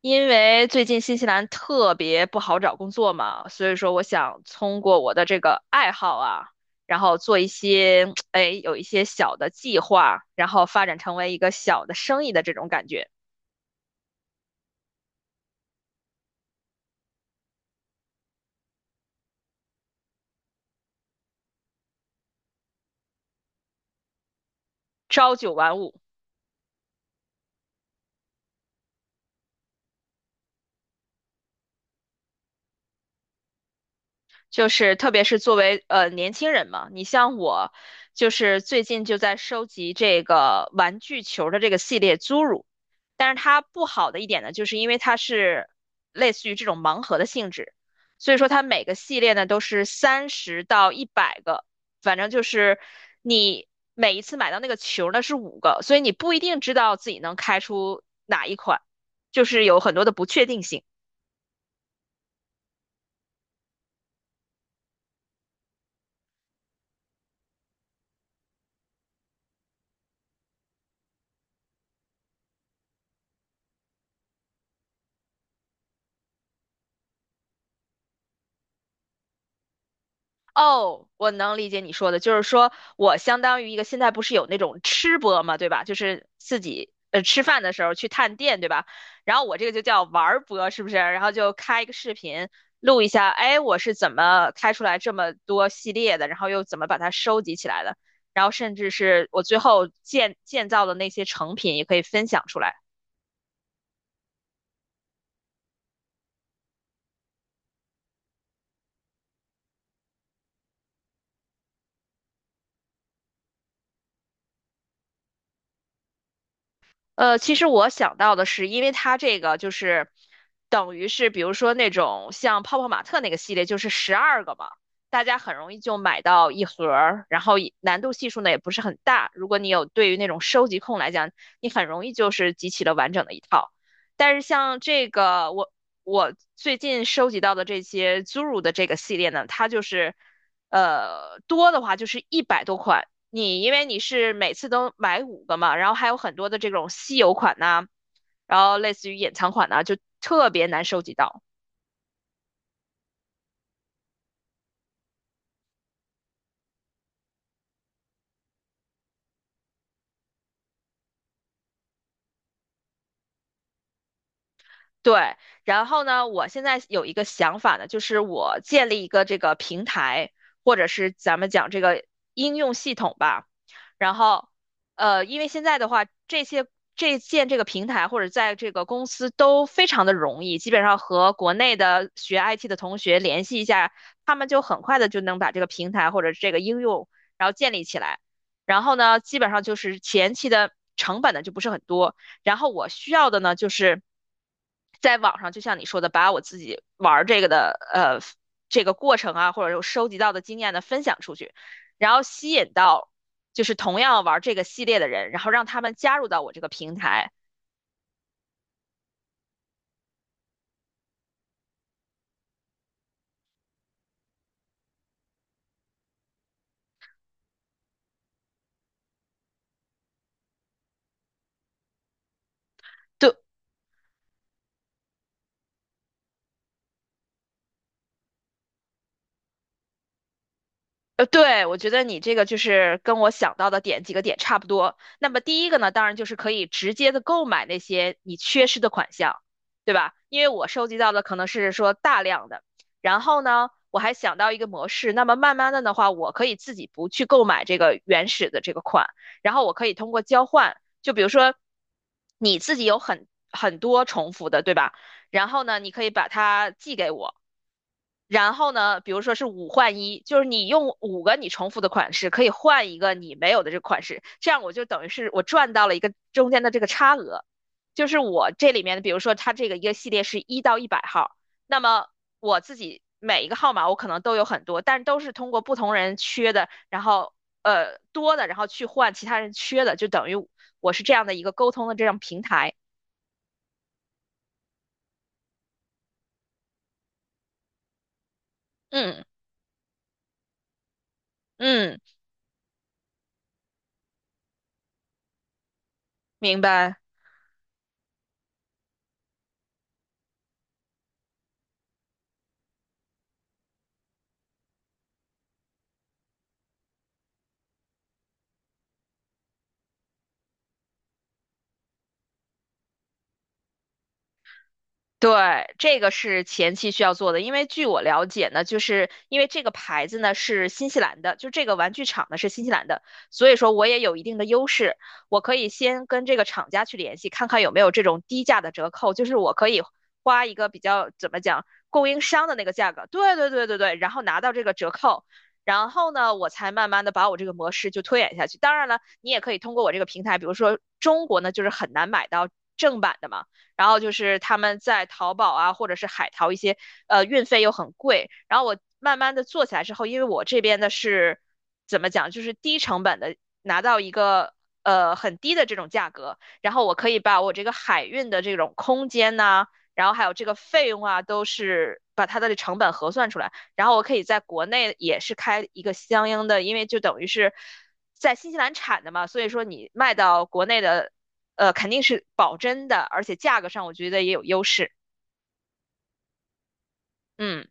因为最近新西兰特别不好找工作嘛，所以说我想通过我的这个爱好啊，然后做一些，哎，有一些小的计划，然后发展成为一个小的生意的这种感觉，朝九晚五，就是特别是作为年轻人嘛，你像我，就是最近就在收集这个玩具球的这个系列 z u 但是它不好的一点呢，就是因为它是类似于这种盲盒的性质，所以说它每个系列呢都是30到100个，反正就是你每一次买到那个球呢是五个，所以你不一定知道自己能开出哪一款，就是有很多的不确定性。哦，我能理解你说的，就是说我相当于一个现在不是有那种吃播嘛，对吧？就是自己吃饭的时候去探店，对吧？然后我这个就叫玩儿播，是不是？然后就开一个视频录一下，哎，我是怎么开出来这么多系列的，然后又怎么把它收集起来的，然后甚至是我最后建造的那些成品也可以分享出来。其实我想到的是，因为它这个就是等于是，比如说那种像泡泡玛特那个系列，就是12个嘛，大家很容易就买到一盒儿，然后也难度系数呢也不是很大。如果你有对于那种收集控来讲，你很容易就是集齐了完整的一套。但是像这个我最近收集到的这些 Zuru 的这个系列呢，它就是多的话就是100多款。你因为你是每次都买五个嘛，然后还有很多的这种稀有款呐、然后类似于隐藏款呐、就特别难收集到。对，然后呢，我现在有一个想法呢，就是我建立一个这个平台，或者是咱们讲这个应用系统吧。然后，因为现在的话，这些这个平台或者在这个公司都非常的容易，基本上和国内的学 IT 的同学联系一下，他们就很快的就能把这个平台或者这个应用然后建立起来。然后呢，基本上就是前期的成本呢就不是很多。然后我需要的呢，就是在网上，就像你说的，把我自己玩这个的这个过程啊，或者说收集到的经验呢分享出去，然后吸引到就是同样玩这个系列的人，然后让他们加入到我这个平台。对对，我觉得你这个就是跟我想到的点几个点差不多。那么第一个呢，当然就是可以直接的购买那些你缺失的款项，对吧？因为我收集到的可能是说大量的，然后呢，我还想到一个模式，那么慢慢的的话，我可以自己不去购买这个原始的这个款，然后我可以通过交换，就比如说你自己有很多重复的，对吧？然后呢，你可以把它寄给我。然后呢，比如说是五换一，就是你用五个你重复的款式，可以换一个你没有的这个款式，这样我就等于是我赚到了一个中间的这个差额，就是我这里面的，比如说它这个一个系列是1到100号，那么我自己每一个号码我可能都有很多，但都是通过不同人缺的，然后多的，然后去换其他人缺的，就等于我是这样的一个沟通的这样平台。嗯嗯，明白。对，这个是前期需要做的，因为据我了解呢，就是因为这个牌子呢是新西兰的，就这个玩具厂呢是新西兰的，所以说我也有一定的优势，我可以先跟这个厂家去联系，看看有没有这种低价的折扣，就是我可以花一个比较怎么讲供应商的那个价格，对对对对对，然后拿到这个折扣，然后呢，我才慢慢的把我这个模式就推演下去。当然了，你也可以通过我这个平台，比如说中国呢就是很难买到正版的嘛。然后就是他们在淘宝啊，或者是海淘一些，运费又很贵。然后我慢慢的做起来之后，因为我这边的是怎么讲，就是低成本的拿到一个很低的这种价格，然后我可以把我这个海运的这种空间呐、然后还有这个费用啊，都是把它的成本核算出来，然后我可以在国内也是开一个相应的，因为就等于是在新西兰产的嘛，所以说你卖到国内的肯定是保真的，而且价格上我觉得也有优势。嗯，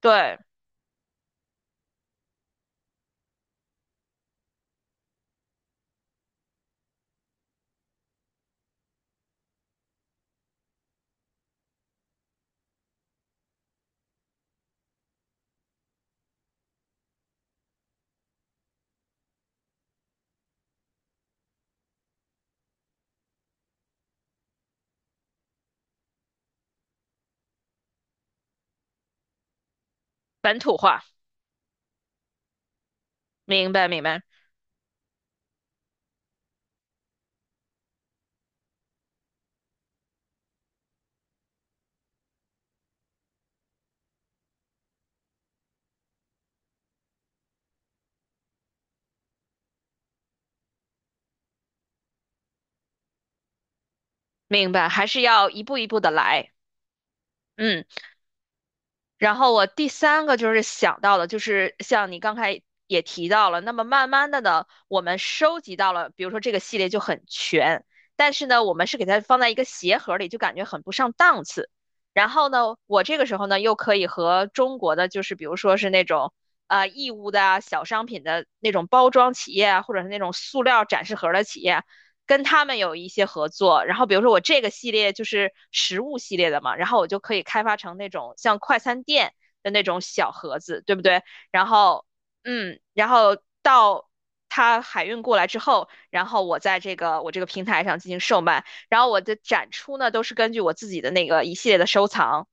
对，本土化，明白，明白，明白，还是要一步一步的来。嗯。然后我第三个就是想到的，就是像你刚才也提到了，那么慢慢的呢，我们收集到了，比如说这个系列就很全，但是呢，我们是给它放在一个鞋盒里，就感觉很不上档次。然后呢，我这个时候呢，又可以和中国的，就是比如说是那种啊、义乌的啊小商品的那种包装企业啊，或者是那种塑料展示盒的企业，跟他们有一些合作，然后比如说我这个系列就是食物系列的嘛，然后我就可以开发成那种像快餐店的那种小盒子，对不对？然后，嗯，然后到它海运过来之后，然后我这个平台上进行售卖，然后我的展出呢都是根据我自己的那个一系列的收藏，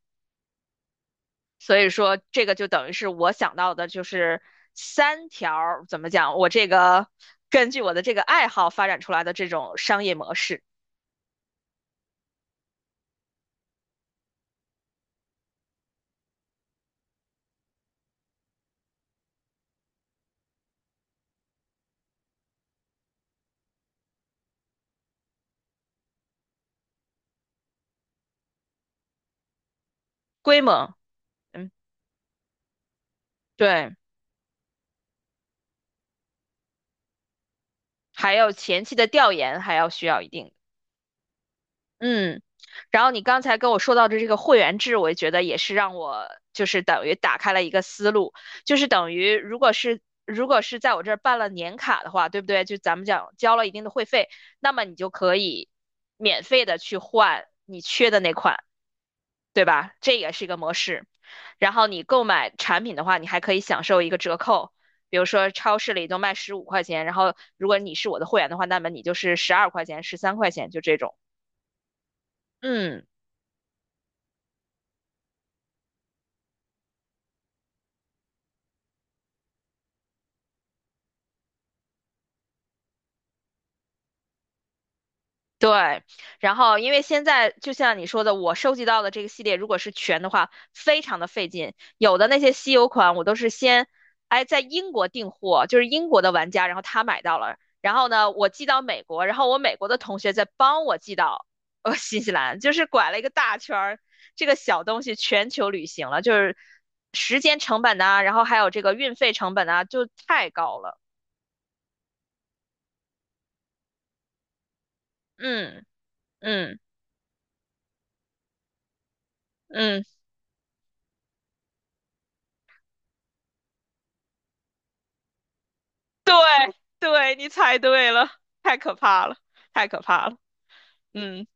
所以说这个就等于是我想到的就是三条，怎么讲，我这个根据我的这个爱好发展出来的这种商业模式。规模，嗯，对，还有前期的调研还要需要一定，嗯，然后你刚才跟我说到的这个会员制，我觉得也是让我就是等于打开了一个思路，就是等于如果是在我这儿办了年卡的话，对不对？就咱们讲交了一定的会费，那么你就可以免费的去换你缺的那款。对吧？这也是一个模式。然后你购买产品的话，你还可以享受一个折扣，比如说超市里都卖15块钱，然后如果你是我的会员的话，那么你就是12块钱、13块钱，就这种。嗯。对，然后因为现在就像你说的，我收集到的这个系列，如果是全的话，非常的费劲。有的那些稀有款，我都是先，哎，在英国订货，就是英国的玩家，然后他买到了，然后呢，我寄到美国，然后我美国的同学再帮我寄到新西兰，就是拐了一个大圈儿，这个小东西全球旅行了，就是时间成本呐、然后还有这个运费成本啊，就太高了。嗯嗯嗯。对对，你猜对了，太可怕了，太可怕了。嗯，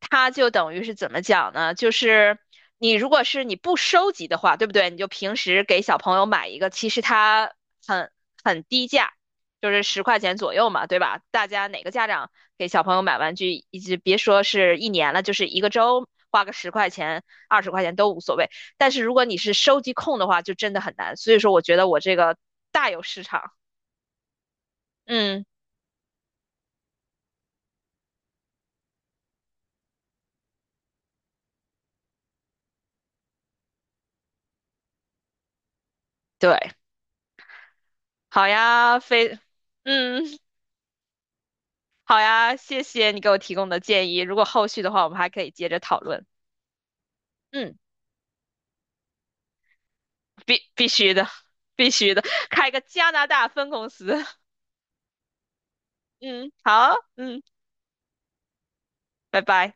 它就等于是怎么讲呢？就是你如果是你不收集的话，对不对？你就平时给小朋友买一个，其实它很很低价，就是十块钱左右嘛，对吧？大家哪个家长给小朋友买玩具，以及别说是一年了，就是一个周花个十块钱、20块钱都无所谓。但是如果你是收集控的话，就真的很难。所以说，我觉得我这个大有市场。嗯，对。好呀，非，嗯，好呀，谢谢你给我提供的建议。如果后续的话，我们还可以接着讨论。嗯，必须的，必须的，开个加拿大分公司。嗯，好，嗯，拜拜。